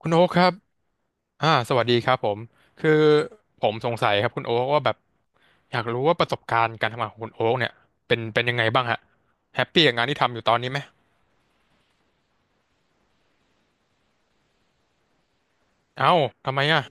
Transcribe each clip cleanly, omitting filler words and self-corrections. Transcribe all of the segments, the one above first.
คุณโอ๊คครับสวัสดีครับผม คือผมสงสัยครับคุณโอ๊คว่าแบบอยากรู้ว่าประสบการณ์การทำงานของคุณโอ๊คเนี่ยเป็นยังไงบ้างฮะแฮปปี้กับงานที่ทำอยู่ตอนนี้ไหมเอ้าทำไมอ่ะ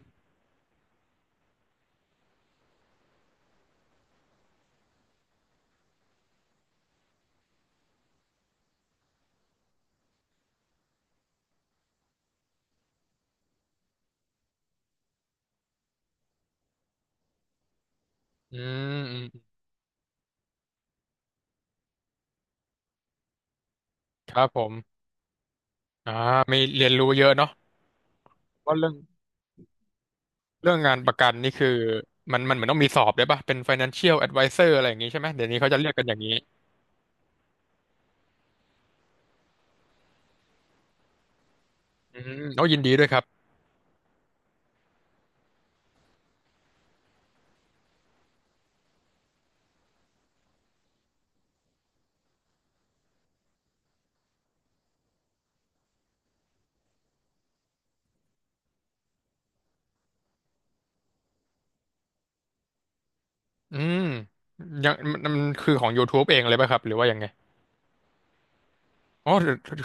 อืมอืมครับผมอ่ามีเรียนรู้เยอะเนาะว่าเรื่องเรื่องงานประกันนี่คือมันเหมือนต้องมีสอบด้วยป่ะ เป็น financial advisor อะไรอย่างงี้ใช่ไหม เดี๋ยวนี้เขาจะเรียกกันอย่างนี้อืมโอ้ยินดีด้วยครับอืมยังมันคือของ YouTube เองเลยป่ะครับหรือว่ายังไง อ๋อ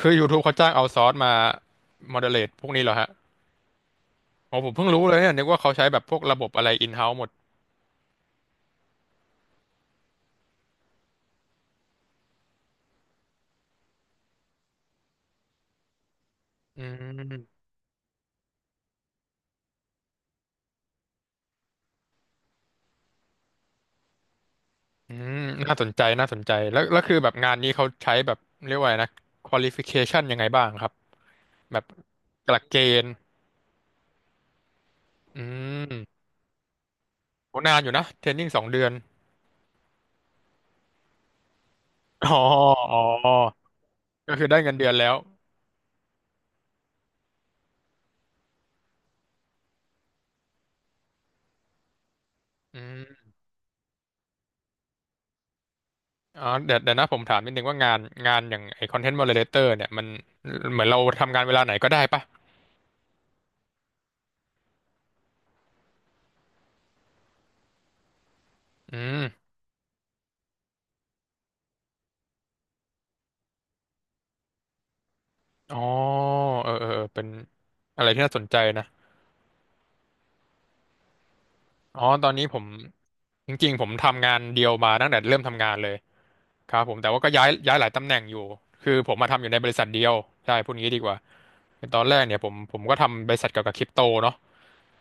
คือ YouTube เขาจ้างเอาซอร์สมา o d เ r เล e พวกนี้เหรอฮะอ๋อผมเพิ่งรู้เลยเนี่ยนึกว่าเขาใช้แบบพวกระบบอะไรอินเฮ้า์หมดอืมอืมน่าสนใจน่าสนใจแล้วคือแบบงานนี้เขาใช้แบบเรียกว่าอะไรนะ qualification ยังไงบ้างครับแบบหลักเกณฑ์อืมโหนานอยู่นะเทรนนิ่งสองเดือนอ๋ออ๋อก็คือได้เงินเดือนแล้วอืมอ๋อเดี๋ยวนะผมถามนิดนึงว่างานงานอย่างไอ้คอนเทนต์โมเดเลเตอร์เนี่ยมันเหมือนเราทำงานเวลาไหนก็ได้ปะอืม อ๋อเออเออเป็นอะไรที่น่าสนใจนะอ๋อตอนนี้ผมจริงๆผมทำงานเดียวมาตั้งแต่เริ่มทำงานเลยครับผมแต่ว่าก็ย้ายหลายตำแหน่งอยู่ คือผมมาทำอยู่ในบริษัทเดียวใช่พูดงี้ดีกว่าคือตอนแรกเนี่ยผมก็ทำบริษัทเกี่ยวกับคริปโตเนาะ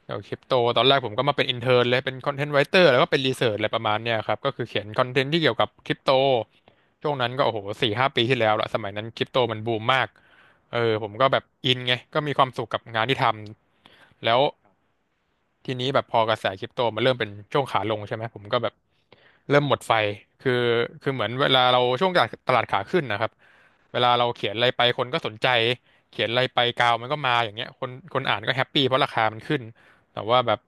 เกี่ยวกับคริปโตตอนแรกผมก็มาเป็นอินเท n ร์เลย เป็นคอนเทนต์ไรเตอร์แล้วก็เป็นรีเสิร์ชอะไรประมาณเนี้ยครับ ก็คือเขียนคอนเทนต์ที่เกี่ยวกับคริปโต ช่วงนั้นก็โอ้โหสี่ห้าปีที่แล้วละสมัยนั้นคริปโตมันบูมมากเออผมก็แบบอินไงก็มีความสุขกับงานที่ทำ แล้วทีนี้แบบพอกระแสคริปโตมันเริ่มเป็นช่วงขาลงใช่ไหมผมก็แบบเริ่มหมดไฟ คือคือเหมือนเวลาเราช่วงตลาดขาขึ้นนะครับเวลาเราเขียนอะไรไปคนก็สนใจเขียนอะไรไปกาวมันก็มาอย่างเงี้ยคนอ่านก็แฮปปี้เพราะราคามันขึ้น แต่ว่าแบบ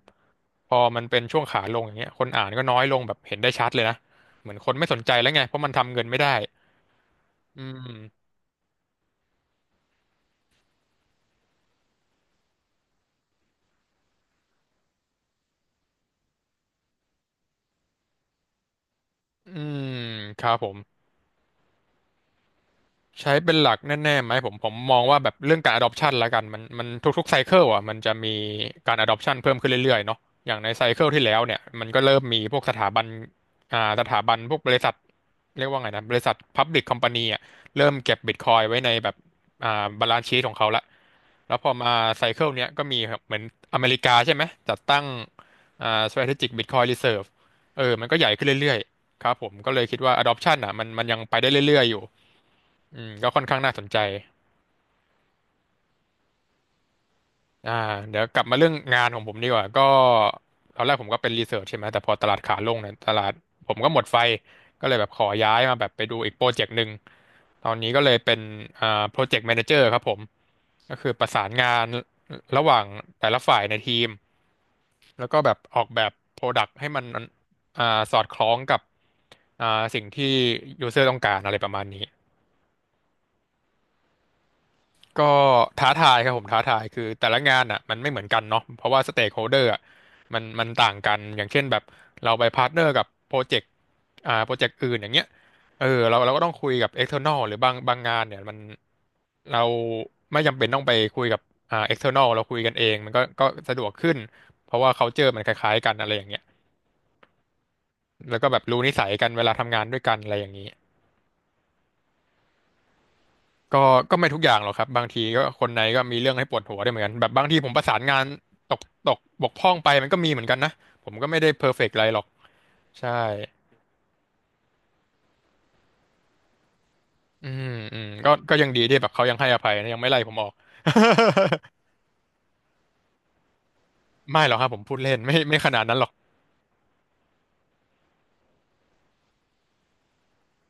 พอมันเป็นช่วงขาลงอย่างเงี้ยคนอ่านก็น้อยลงแบบเห็นได้ชัดเลยนะเหมือนคนไม่สนใจแล้วไงเพราะมันทำเงินไม่ได้ อืมอืมครับผม ใช้เป็นหลักแน่ๆไหมผมมองว่าแบบเรื่องการ adoption ละกันมันทุกๆไซเคิลอ่ะมันจะมีการ adoption เพิ่มขึ้นเรื่อยๆเนาะอย่างในไซเคิลที่แล้วเนี่ยมันก็เริ่มมีพวกสถาบันสถาบันพวกบริษัทเรียกว่าไงนะบริษัท Public Company อ่ะเริ่มเก็บ Bitcoin ไว้ในแบบบาลานซ์ชีทของเขาละแล้วพอมาไซเคิลเนี้ยก็มีครับเหมือนอเมริกาใช่ไหมจัดตั้งStrategic Bitcoin Reserve เออมันก็ใหญ่ขึ้นเรื่อยๆครับผมก็เลยคิดว่า adoption อ่ะมันยังไปได้เรื่อยๆอยู่ อืมก็ค่อนข้างน่าสนใจอ่าเดี๋ยวกลับมาเรื่องงานของผมดีกว่าก็ตอนแรกผมก็เป็นรีเสิร์ชใช่ไหม แต่พอตลาดขาลงเนี่ยตลาดผมก็หมดไฟ ก็เลยแบบขอย้ายมาแบบไปดูอีกโปรเจกต์หนึ่ง ตอนนี้ก็เลยเป็นโปรเจกต์แมเนเจอร์ครับผม ก็คือประสานงานระหว่างแต่ละฝ่ายในทีม แล้วก็แบบออกแบบโปรดักต์ให้มันอ่าสอดคล้องกับอ่าสิ่งที่ยูเซอร์ต้องการอะไรประมาณนี้ ก็ท้าทายครับผมท้าทายคือแต่ละงานอ่ะมันไม่เหมือนกันเนาะเพราะว่าสเต็กโฮเดอร์อ่ะมันต่างกันอย่างเช่นแบบเราไปพาร์ทเนอร์กับโปรเจกต์โปรเจกต์อื่นอย่างเงี้ยเออเราก็ต้องคุยกับ external หรือบางงานเนี่ยมันเราไม่จำเป็นต้องไปคุยกับexternal เราคุยกันเองมันก็สะดวกขึ้นเพราะว่า culture มันคล้ายๆกันอะไรอย่างเงี้ยแล้วก็แบบรู้นิสัยกันเวลาทำงานด้วยกันอะไรอย่างนี้ ก็ก็ไม่ทุกอย่างหรอกครับบางทีก็คนในก็มีเรื่องให้ปวดหัวได้เหมือนกันแบบบางทีผมประสานงานตกตกบกพร่องไปมันก็มีเหมือนกันนะผมก็ไม่ได้เพอร์เฟกต์อะไรหรอกใช่อืมอืมก็ยังดีที่แบบเขายังให้อภัยนะยังไม่ไล่ผมออก ไม่หรอกครับผมพูดเล่นไม่ขนาดนั้นหรอก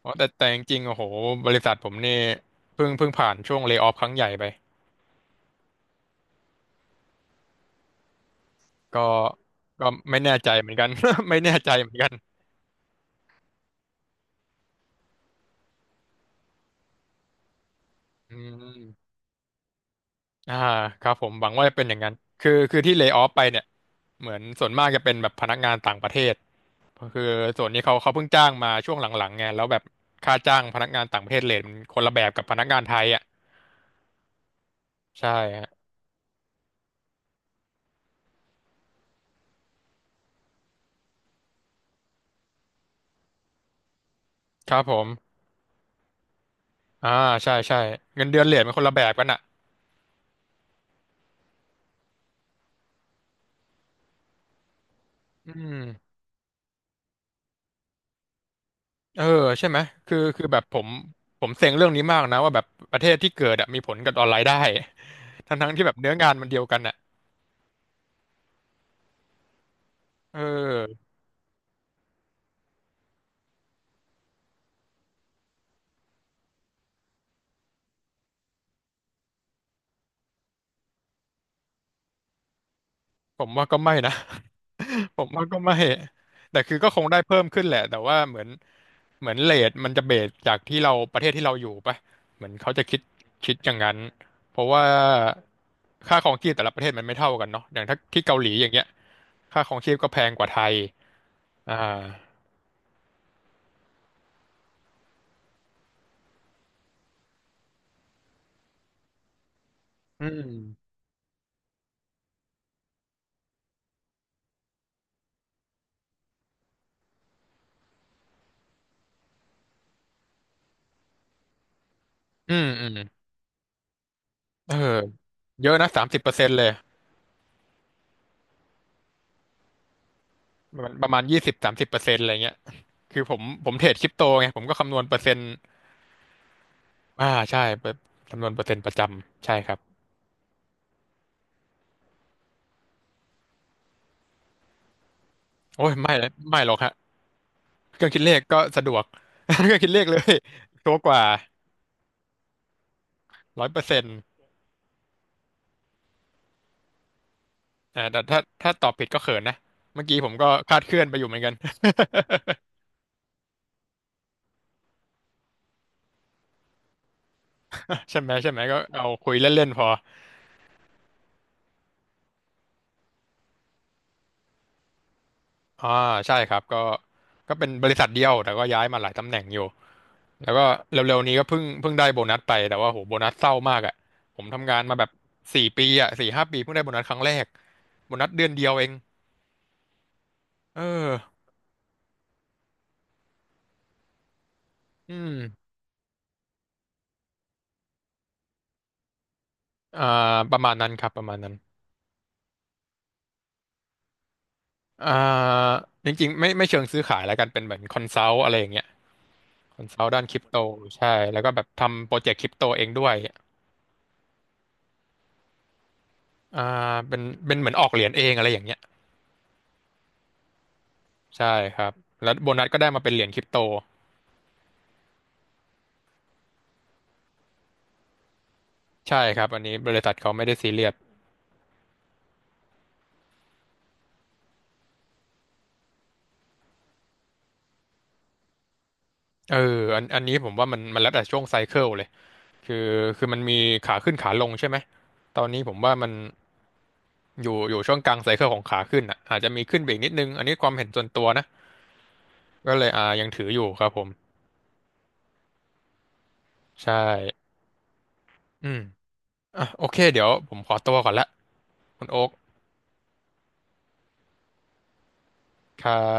อ๋อแต่จริงๆโอ้โหบริษัทผมนี่เพิ่งผ่านช่วงเล y o ออฟครั้งใหญ่ไปก็ก็ไม่แน่ใจเหมือนกัน ไม่แน่ใจเหมือนกันอืม อ่าครับผมหวังว่าจะเป็นอย่างนั้นคือที่เล y o ออฟไปเนี่ยเหมือนส่วนมากจะเป็นแบบพนักงานต่างประเทศคือส่วนนี้เขาเพิ่งจ้างมาช่วงหลังๆไงแล้วแบบค่าจ้างพนักงานต่างประเทศเรทมันคนละแบบกับพนักงานไทยอ่ะใช่ฮะครับผมอ่าใช่ใช่เงินเดือนเรทมันคนละแบบกันอ่ะอืมเออใช่ไหมคือแบบผมเซ็งเรื่องนี้มากนะว่าแบบประเทศที่เกิดอะมีผลกับออนไลน์ได้ ทั้งที่แบบเนื้องานมันเดียวกันอ่ะเออผมว่าก็ไม่นะ ผมว่าก็ไม่แต่คือก็คงได้เพิ่มขึ้นแหละแต่ว่าเหมือนเรทมันจะเบสจากที่เราประเทศที่เราอยู่ปะเหมือนเขาจะคิดอย่างนั้น เพราะว่าค่าครองชีพแต่ละประเทศมันไม่เท่ากันเนาะอย่างถ้าที่เกาหลีอย่างเงี้ยค่าครองชีพก็แพงกว่าไทยอ่าอืมอืมอืมเออเยอะนะสามสิบเปอร์เซ็นต์เลยมันประมาณ20-30%อะไรเงี้ยคือผมเทรดคริปโตไงผมก็คำนวณเปอร์เซ็นต์อ่าใช่เปอร์คำนวณเปอร์เซ็นต์ประจำใช่ครับโอ้ยไม่หรอกฮะ เครื่องคิดเลขก็สะดวก เครื่องคิดเลขเลยชัวร์กว่า100%อ่าแต่ถ้าตอบผิดก็เขินนะเมื่อกี้ผมก็คลาดเคลื่อนไปอยู่เหมือนกัน ใช่ไหมใช่ไหมก็เอาคุยเล่นๆพออ่าใช่ครับก็เป็นบริษัทเดียวแต่ก็ย้ายมาหลายตำแหน่งอยู่แล้วก็เร็วๆนี้ก็เพิ่งได้โบนัสไปแต่ว่าโหโบนัสเศร้ามากอ่ะผมทำงานมาแบบ4 ปีอ่ะ4-5 ปีเพิ่งได้โบนัสครั้งแรกโบนัสเดือนเดียวเองเอออืมอ่าประมาณนั้นครับประมาณนั้น อ่าจริงๆไม่เชิงซื้อขายแล้วกันเป็นเหมือนคอนซัลท์อะไรอย่างเงี้ยคอนซัลท์ด้านคริปโตใช่แล้วก็แบบทำโปรเจกต์คริปโตเองด้วยอ่าเป็นเป็นเหมือนออกเหรียญเองอะไรอย่างเงี้ยใช่ครับแล้วโบนัสก็ได้มาเป็นเหรียญคริปโตใช่ครับอันนี้บริษัทเขาไม่ได้ซีเรียสเอออันนี้ผมว่ามันแล้วแต่ช่วงไซเคิลเลยคือคือมันมีขาขึ้นขาลงใช่ไหมตอนนี้ผมว่ามันอยู่ช่วงกลางไซเคิลของขาขึ้นอ่ะอาจจะมีขึ้นไปอีกนิดนึงอันนี้ความเห็นส่วนตัวนะก็เลยอ่ายังถืออยู่ครับผมใช่อืม อ่ะโอเคเดี๋ยวผมขอตัวก่อนละคุณโอ๊คครับ